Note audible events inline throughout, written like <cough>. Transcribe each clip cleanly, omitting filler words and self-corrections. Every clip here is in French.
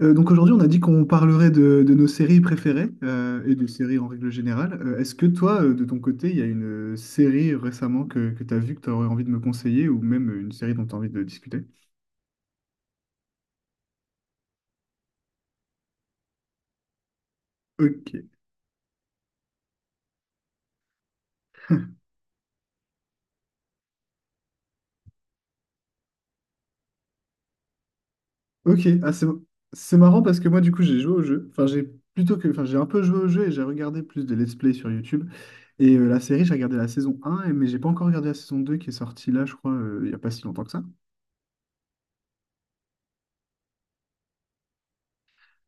Donc aujourd'hui, on a dit qu'on parlerait de nos séries préférées, et des séries en règle générale. Est-ce que toi, de ton côté, il y a une série récemment que tu as vue que tu aurais envie de me conseiller ou même une série dont tu as envie de discuter? Ok, ok. Ah, c'est marrant parce que moi, du coup, j'ai joué au jeu. Enfin, j'ai plutôt que, enfin, j'ai un peu joué au jeu et j'ai regardé plus de let's play sur YouTube. Et la série, j'ai regardé la saison un mais j'ai pas encore regardé la saison 2 qui est sortie là, je crois, il y a pas si longtemps que ça.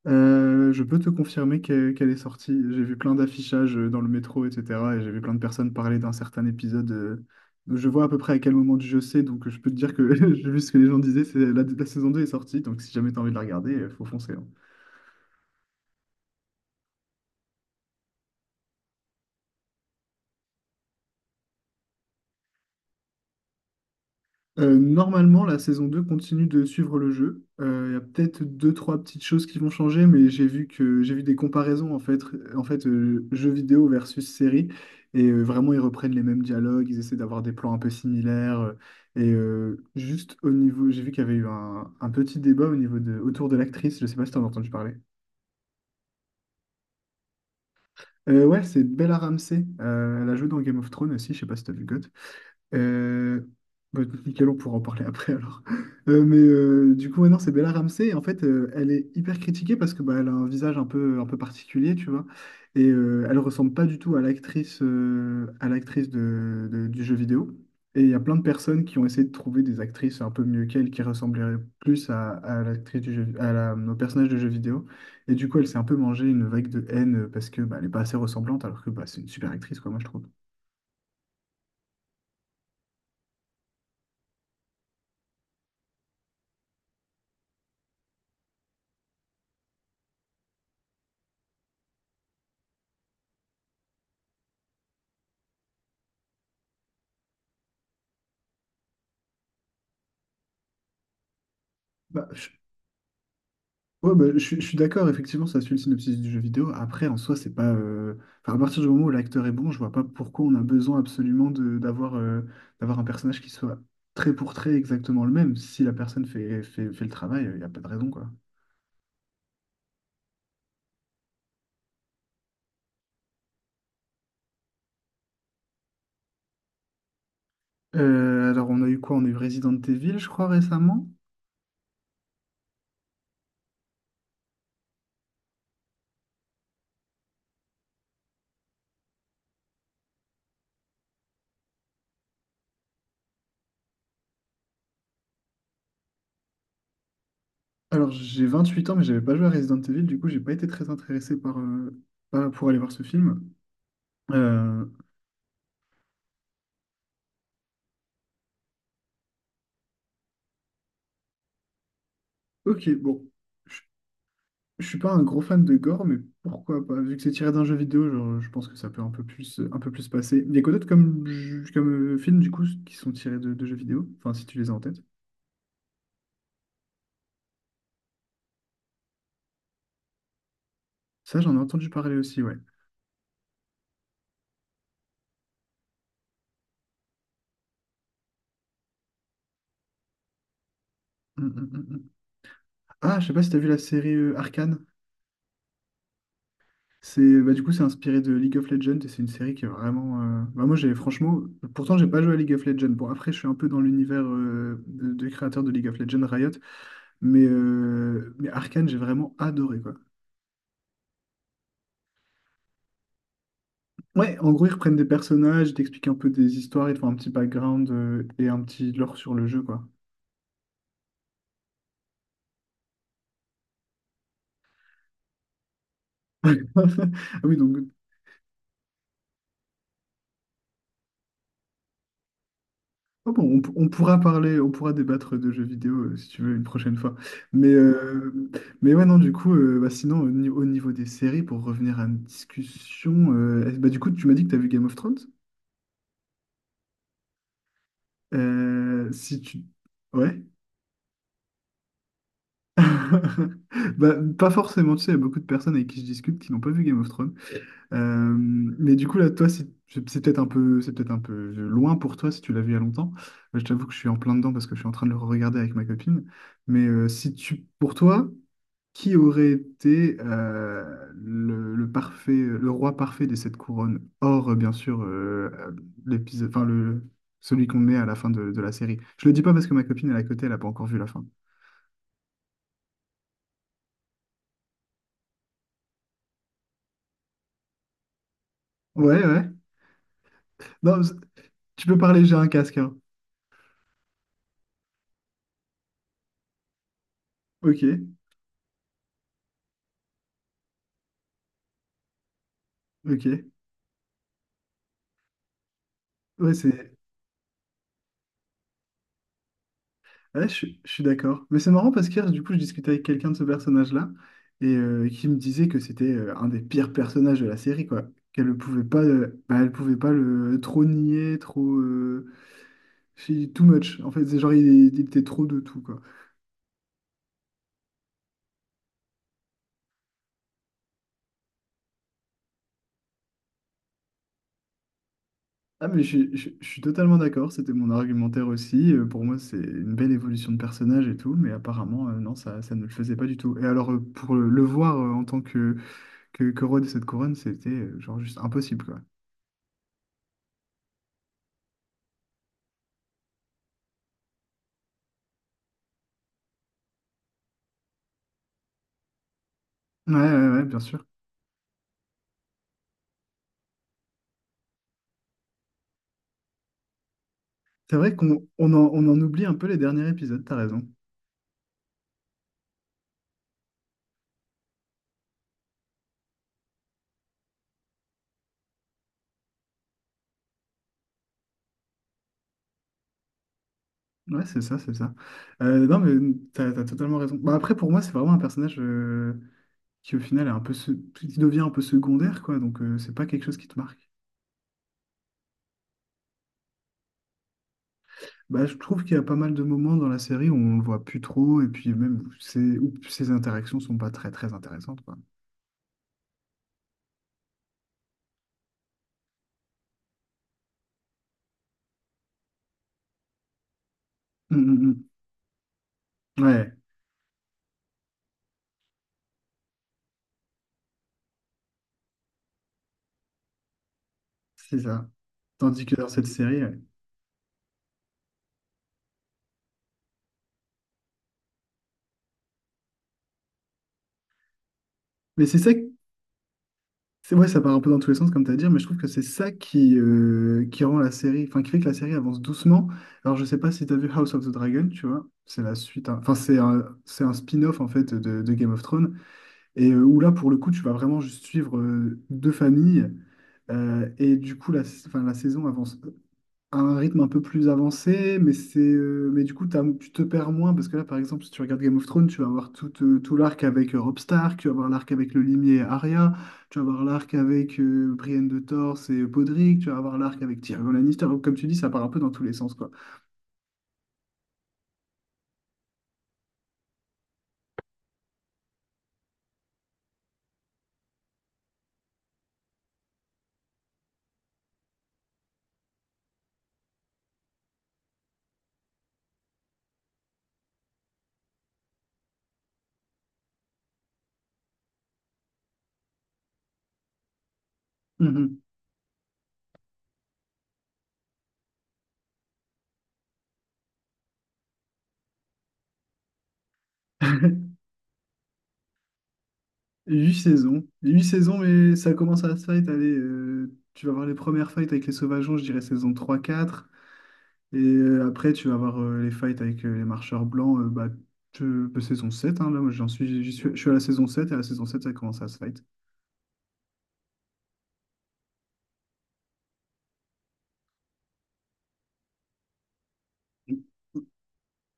Je peux te confirmer qu'elle est sortie. J'ai vu plein d'affichages dans le métro, etc. Et j'ai vu plein de personnes parler d'un certain épisode. Je vois à peu près à quel moment du jeu c'est, donc je peux te dire que <laughs> j'ai vu ce que les gens disaient, c'est la saison 2 est sortie, donc si jamais t'as envie de la regarder, faut foncer, hein. Normalement, la saison 2 continue de suivre le jeu. Il y a peut-être deux, trois petites choses qui vont changer, mais j'ai vu des comparaisons en fait, jeux vidéo versus série, et vraiment ils reprennent les mêmes dialogues, ils essaient d'avoir des plans un peu similaires, et juste au niveau, j'ai vu qu'il y avait eu un petit débat au niveau de autour de l'actrice. Je sais pas si t'en as entendu parler. Ouais, c'est Bella Ramsey. Elle a joué dans Game of Thrones aussi. Je sais pas si t'as vu GOT. Euh, Bah, nickel, on pourra en parler après alors. Du coup, ouais, non, c'est Bella Ramsey. Et en fait, elle est hyper critiquée parce que bah, elle a un visage un peu particulier, tu vois. Et elle ressemble pas du tout à l'actrice du jeu vidéo. Et il y a plein de personnes qui ont essayé de trouver des actrices un peu mieux qu'elle qui ressembleraient plus à l'actrice du jeu, à la, au personnage de jeu vidéo. Et du coup, elle s'est un peu mangée une vague de haine parce que bah, elle est pas assez ressemblante alors que bah, c'est une super actrice, quoi, moi je trouve. Bah, je- Ouais, bah, je suis d'accord, effectivement, ça suit le synopsis du jeu vidéo. Après, en soi, c'est pas. Enfin, à partir du moment où l'acteur est bon, je vois pas pourquoi on a besoin absolument de d'avoir un personnage qui soit trait pour trait exactement le même. Si la personne fait le travail, il n'y a pas de raison, quoi. Alors, on a eu quoi? On a eu Resident Evil, je crois, récemment. Alors, j'ai 28 ans, mais j'avais pas joué à Resident Evil, du coup, j'ai pas été très intéressé par, pour aller voir ce film. Euh, ok, bon. Je suis pas un gros fan de gore, mais pourquoi pas? Vu que c'est tiré d'un jeu vidéo, genre, je pense que ça peut un peu plus passer. Il y a quoi d'autre comme, films, du coup, qui sont tirés de jeux vidéo? Enfin, si tu les as en tête. Ça, j'en ai entendu parler aussi, ouais. Hum, hum, hum, hum. Ah, je sais pas si t'as vu la série Arcane. C'est, bah, du coup, c'est inspiré de League of Legends et c'est une série qui est vraiment. Bah, moi, j'ai franchement. Pourtant, j'ai pas joué à League of Legends. Bon, après, je suis un peu dans l'univers des créateurs de League of Legends, Riot. Mais Arcane, j'ai vraiment adoré. Ouais, en gros, ils reprennent des personnages, ils t'expliquent un peu des histoires, ils te font un petit background et un petit lore sur le jeu, quoi. <laughs> Ah oui, donc, oh bon, on pourra parler, on pourra débattre de jeux vidéo si tu veux une prochaine fois. Mais, euh, mais ouais, non, du coup, bah, sinon, au, ni- au niveau des séries, pour revenir à une discussion, est bah, du coup, tu m'as dit que tu as vu Game of Thrones? Si tu. Ouais. <laughs> Bah, pas forcément, tu sais, il y a beaucoup de personnes avec qui je discute qui n'ont pas vu Game of Thrones. Euh, mais du coup, là, toi, c'est peut-être un peu loin pour toi si tu l'as vu il y a longtemps. Je t'avoue que je suis en plein dedans parce que je suis en train de le regarder avec ma copine. Mais si tu, pour toi, qui aurait été le parfait, le roi parfait des sept couronnes, hors bien sûr l'épisode, enfin le celui qu'on met à la fin de la série. Je le dis pas parce que ma copine elle est à côté, elle a pas encore vu la fin. Ouais, ouais. Non, tu peux parler, j'ai un casque, hein. Ok, ok. Ouais, c'est. Ouais, je suis d'accord. Mais c'est marrant parce qu'hier, du coup, je discutais avec quelqu'un de ce personnage-là et qui me disait que c'était un des pires personnages de la série, quoi. Qu'elle ne pouvait pas, bah, elle pouvait pas le trop nier, trop, she- too much. En fait, c'est genre il était trop de tout, quoi. Ah, mais je suis totalement d'accord. C'était mon argumentaire aussi. Pour moi, c'est une belle évolution de personnage et tout, mais apparemment, non, ça ne le faisait pas du tout. Et alors, pour le voir en tant que que roi de cette couronne, c'était genre juste impossible, quoi. Ouais, ouais, ouais, bien sûr. C'est vrai qu'on en oublie un peu les derniers épisodes, t'as raison. Ouais, c'est ça, c'est ça. Non, mais t'as totalement raison. Bah, après, pour moi, c'est vraiment un personnage qui, au final, est qui devient un peu secondaire, quoi. Donc, c'est pas quelque chose qui te marque. Bah, je trouve qu'il y a pas mal de moments dans la série où on le voit plus trop, et puis même où où ses interactions sont pas très, très intéressantes, quoi. Hum, hum, Ouais, c'est ça. Tandis que dans cette série, ouais. Mais c'est ça. C'est vrai, ça part un peu dans tous les sens, comme tu as dit, mais je trouve que c'est ça qui rend la série, enfin, qui fait que la série avance doucement. Alors, je sais pas si tu as vu House of the Dragon, tu vois, c'est la suite, hein. Enfin, c'est c'est un spin-off, en fait, de Game of Thrones, et où là, pour le coup, tu vas vraiment juste suivre deux familles, et du coup, la saison avance à un rythme un peu plus avancé, mais c'est mais du coup tu te perds moins parce que là par exemple si tu regardes Game of Thrones, tu vas avoir tout, tout l'arc avec Robb Stark, tu vas avoir l'arc avec le limier et Arya, tu vas avoir l'arc avec Brienne de Tarse et Podrick, tu vas avoir l'arc avec Tyrion Lannister. Donc, comme tu dis, ça part un peu dans tous les sens quoi. Mhm. <laughs> Huit saisons, mais ça commence à se fight. Allez, tu vas voir les premières fights avec les Sauvageons, je dirais saison trois quatre. Et après, tu vas avoir les fights avec les marcheurs blancs, bah, que saison 7 hein, là, moi, j'y suis, je suis à la saison 7 et à la saison 7 ça commence à se fight.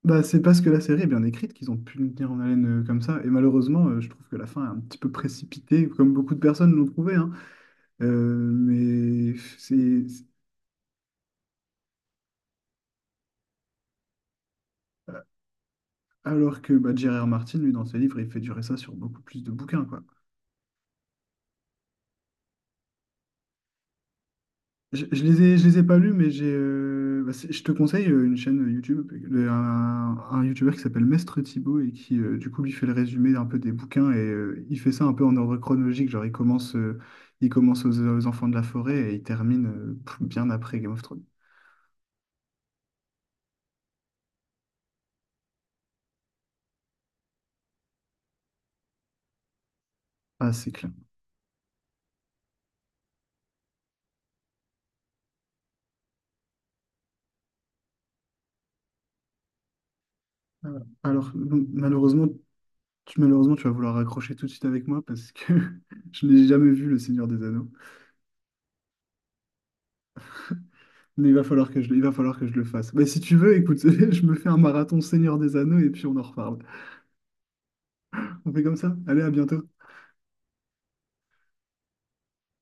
Bah, c'est parce que la série est bien écrite qu'ils ont pu le tenir en haleine comme ça. Et malheureusement, je trouve que la fin est un petit peu précipitée, comme beaucoup de personnes l'ont trouvé, hein. Euh, mais c'est. c'est- Alors que bah, J.R.R. Martin, lui, dans ses livres, il fait durer ça sur beaucoup plus de bouquins, quoi. Je les ai pas lus, mais j'ai, bah, c'est- je te conseille une chaîne YouTube, un YouTuber qui s'appelle Mestre Thibaut et qui, du coup, lui fait le résumé un peu des bouquins et il fait ça un peu en ordre chronologique. Genre, il commence aux Enfants de la forêt et il termine pff, bien après Game of Thrones. Ah, c'est clair. Alors, donc, malheureusement, malheureusement, tu vas vouloir raccrocher tout de suite avec moi parce que <laughs> je n'ai jamais vu Le Seigneur des Anneaux. Mais il va falloir que il va falloir que je le fasse. Mais si tu veux, écoute, <laughs> je me fais un marathon Seigneur des Anneaux et puis on en reparle. On fait comme ça. Allez, à bientôt.